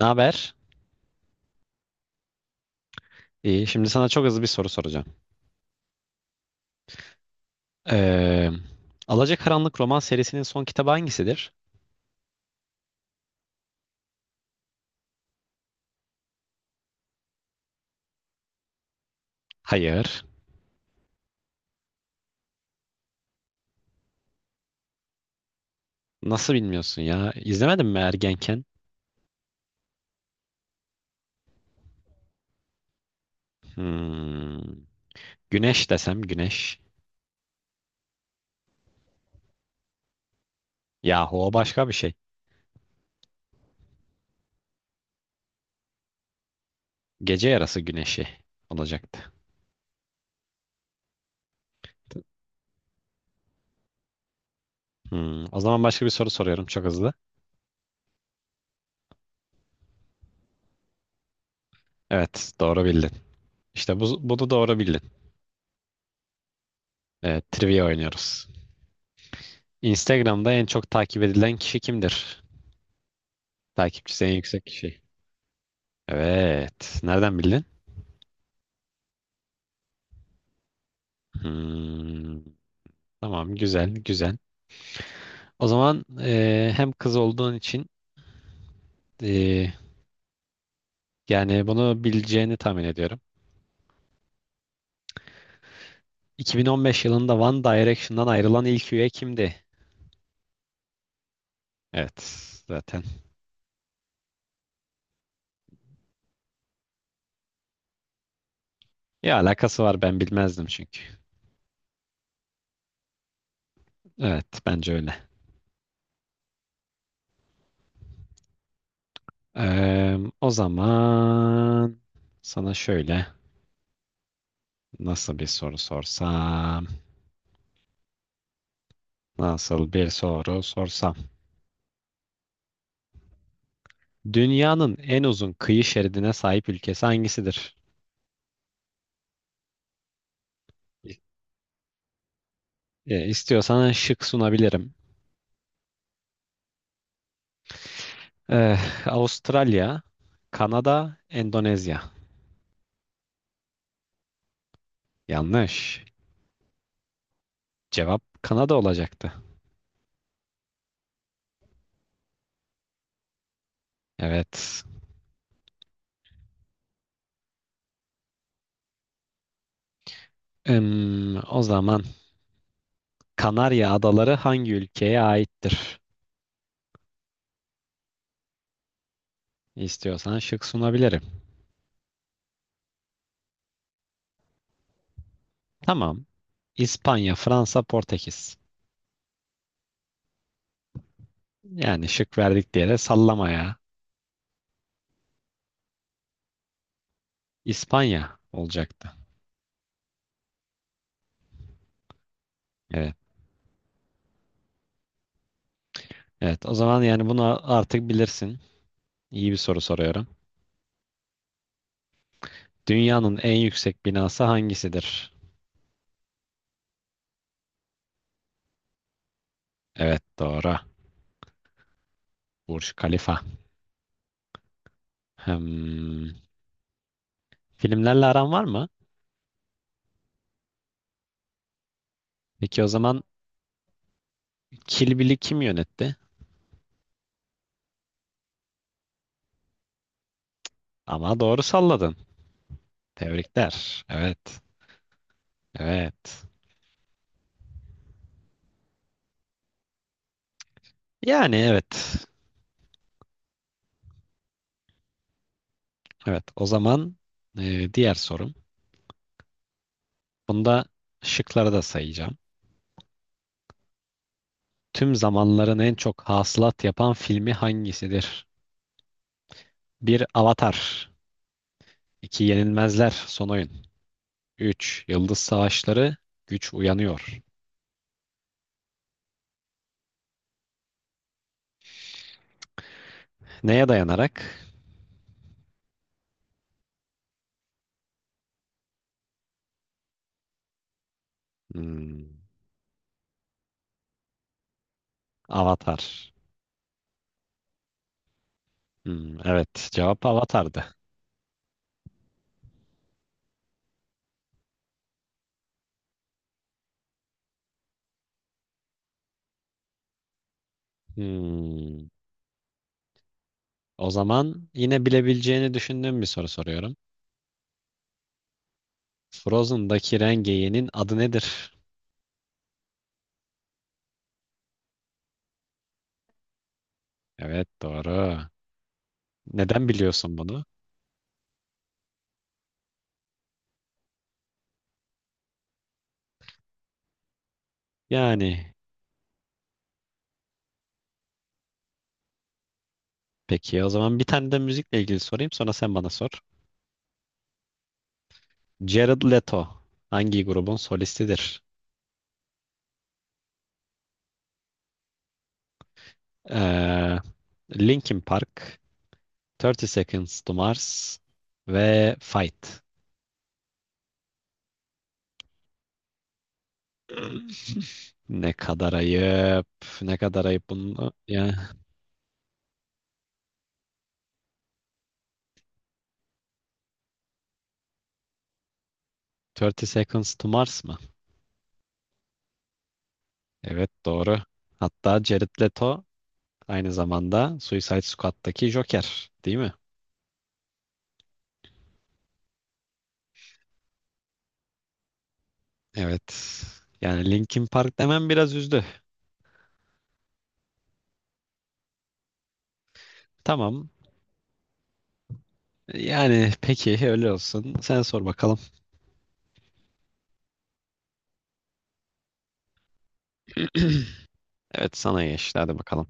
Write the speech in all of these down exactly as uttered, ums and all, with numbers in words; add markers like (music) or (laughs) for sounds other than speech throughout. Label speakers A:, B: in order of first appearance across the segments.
A: Ne haber? İyi. Şimdi sana çok hızlı bir soru soracağım. Ee, Alacakaranlık roman serisinin son kitabı hangisidir? Hayır. Nasıl bilmiyorsun ya? İzlemedin mi ergenken? Hmm. Güneş desem güneş. Yahu o başka bir şey. Gece yarısı güneşi olacaktı. Hmm. O zaman başka bir soru soruyorum çok hızlı. Evet, doğru bildin. İşte bu, bunu doğru bildin. Evet, trivia oynuyoruz. Instagram'da en çok takip edilen kişi kimdir? Takipçisi en yüksek kişi. Evet. Nereden bildin? Hmm, tamam, güzel güzel. O zaman e, hem kız olduğun için e, yani bunu bileceğini tahmin ediyorum. iki bin on beş yılında One Direction'dan ayrılan ilk üye kimdi? Evet zaten. Ya alakası var, ben bilmezdim çünkü. Evet bence öyle. Eee, o zaman sana şöyle, nasıl bir soru sorsam? Nasıl bir soru sorsam? Dünyanın en uzun kıyı şeridine sahip ülkesi hangisidir? E, istiyorsan şık sunabilirim. Eh, Avustralya, Kanada, Endonezya. Yanlış. Cevap Kanada olacaktı. Evet. Em, o zaman Kanarya Adaları hangi ülkeye aittir? İstiyorsan şık sunabilirim. Tamam. İspanya, Fransa, Portekiz. Yani şık verdik diye de sallamaya İspanya olacaktı. Evet. Evet. O zaman yani bunu artık bilirsin. İyi bir soru soruyorum. Dünyanın en yüksek binası hangisidir? Evet, doğru. Burj Khalifa. Hmm. Filmlerle aran var mı? Peki o zaman Kill Bill'i kim yönetti? Ama doğru salladın. Tebrikler. Evet. Evet. Yani evet. Evet. O zaman e, diğer sorum. Bunda şıkları da sayacağım. Tüm zamanların en çok hasılat yapan filmi hangisidir? Bir, Avatar iki. Yenilmezler Son Oyun. Üç, Yıldız Savaşları Güç Uyanıyor. Neye dayanarak? Hmm. Avatar. Hmm, evet, cevap Avatar'dı. Hmm. O zaman yine bilebileceğini düşündüğüm bir soru soruyorum. Frozen'daki Rengeyi'nin adı nedir? Evet, doğru. Neden biliyorsun bunu? Yani peki o zaman bir tane de müzikle ilgili sorayım, sonra sen bana sor. Jared Leto hangi grubun solistidir? Ee, Linkin Park, thirty Seconds to Mars ve Fight. (clears throat) Ne kadar ayıp. Ne kadar ayıp bunu. Yani thirty Seconds to Mars mı? Evet, doğru. Hatta Jared Leto aynı zamanda Suicide Squad'daki Joker, değil mi? Evet. Yani Linkin Park demem biraz üzdü. Tamam. Yani peki öyle olsun. Sen sor bakalım. (clears throat) Evet, sana geçti. Hadi bakalım.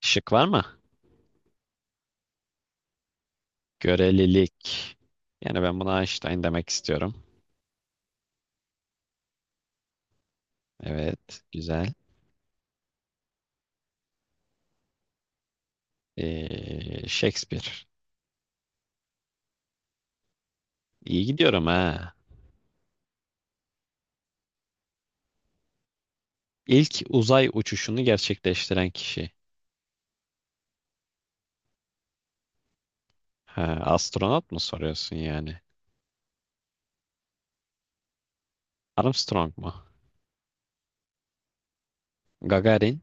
A: Şık var mı? Görelilik. Yani ben buna Einstein demek istiyorum. Evet. Güzel. Ee, Shakespeare. İyi gidiyorum ha. İlk uzay uçuşunu gerçekleştiren kişi. Ha, astronot mu soruyorsun yani? Armstrong mu? Gagarin.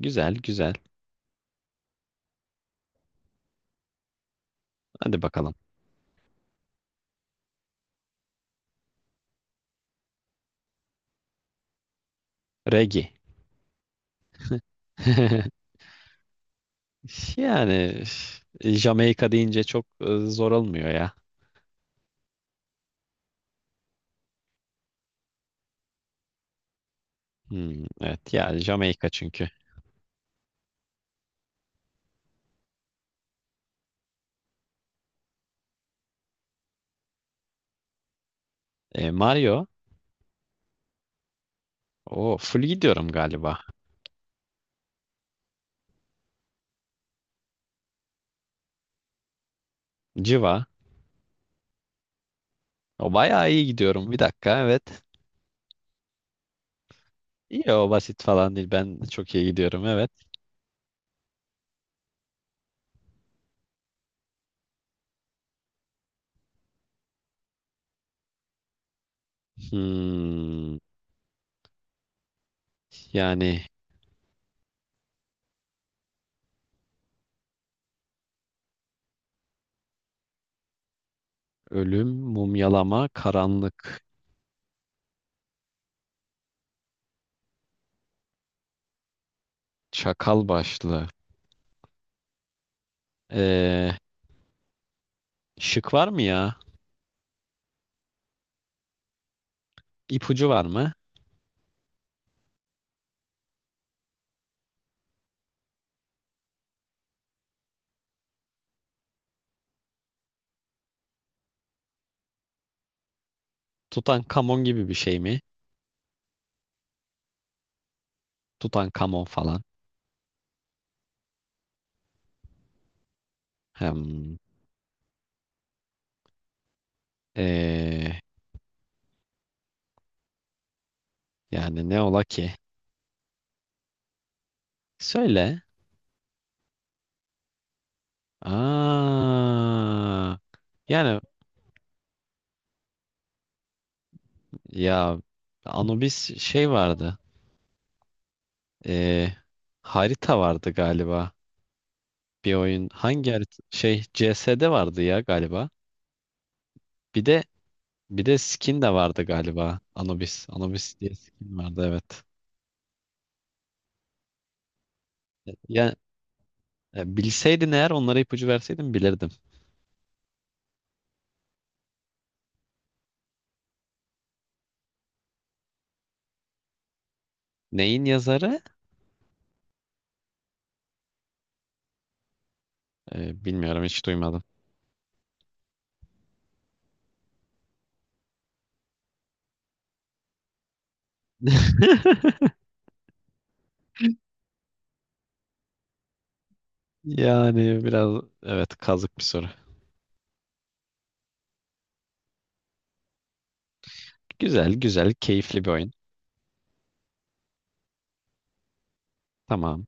A: Güzel, güzel. Hadi bakalım. Regi. (laughs) Yani Jamaika deyince çok e, zor olmuyor ya. Hmm, evet ya, Jamaika çünkü. E, Mario. O full gidiyorum galiba. Civa. O bayağı iyi gidiyorum. Bir dakika, evet. İyi, o basit falan değil. Ben çok iyi gidiyorum, evet. Hmm, yani ölüm, mumyalama, karanlık, çakal başlı. Ee, şık var mı ya? İpucu var mı? Tutankamon gibi bir şey mi? Tutankamon falan. Hem, ee, yani ne ola ki? Söyle. Aa, yani ya, Anubis şey vardı. Ee, harita vardı galiba. Bir oyun hangi harita? Şey, C S'de vardı ya galiba. Bir de Bir de skin de vardı galiba. Anubis. Anubis diye skin vardı, evet. E, Ya e, bilseydin eğer onlara ipucu verseydin bilirdim. Neyin yazarı? E, bilmiyorum, hiç duymadım. (laughs) Yani biraz, evet, kazık bir soru. Güzel güzel, keyifli bir oyun. Tamam.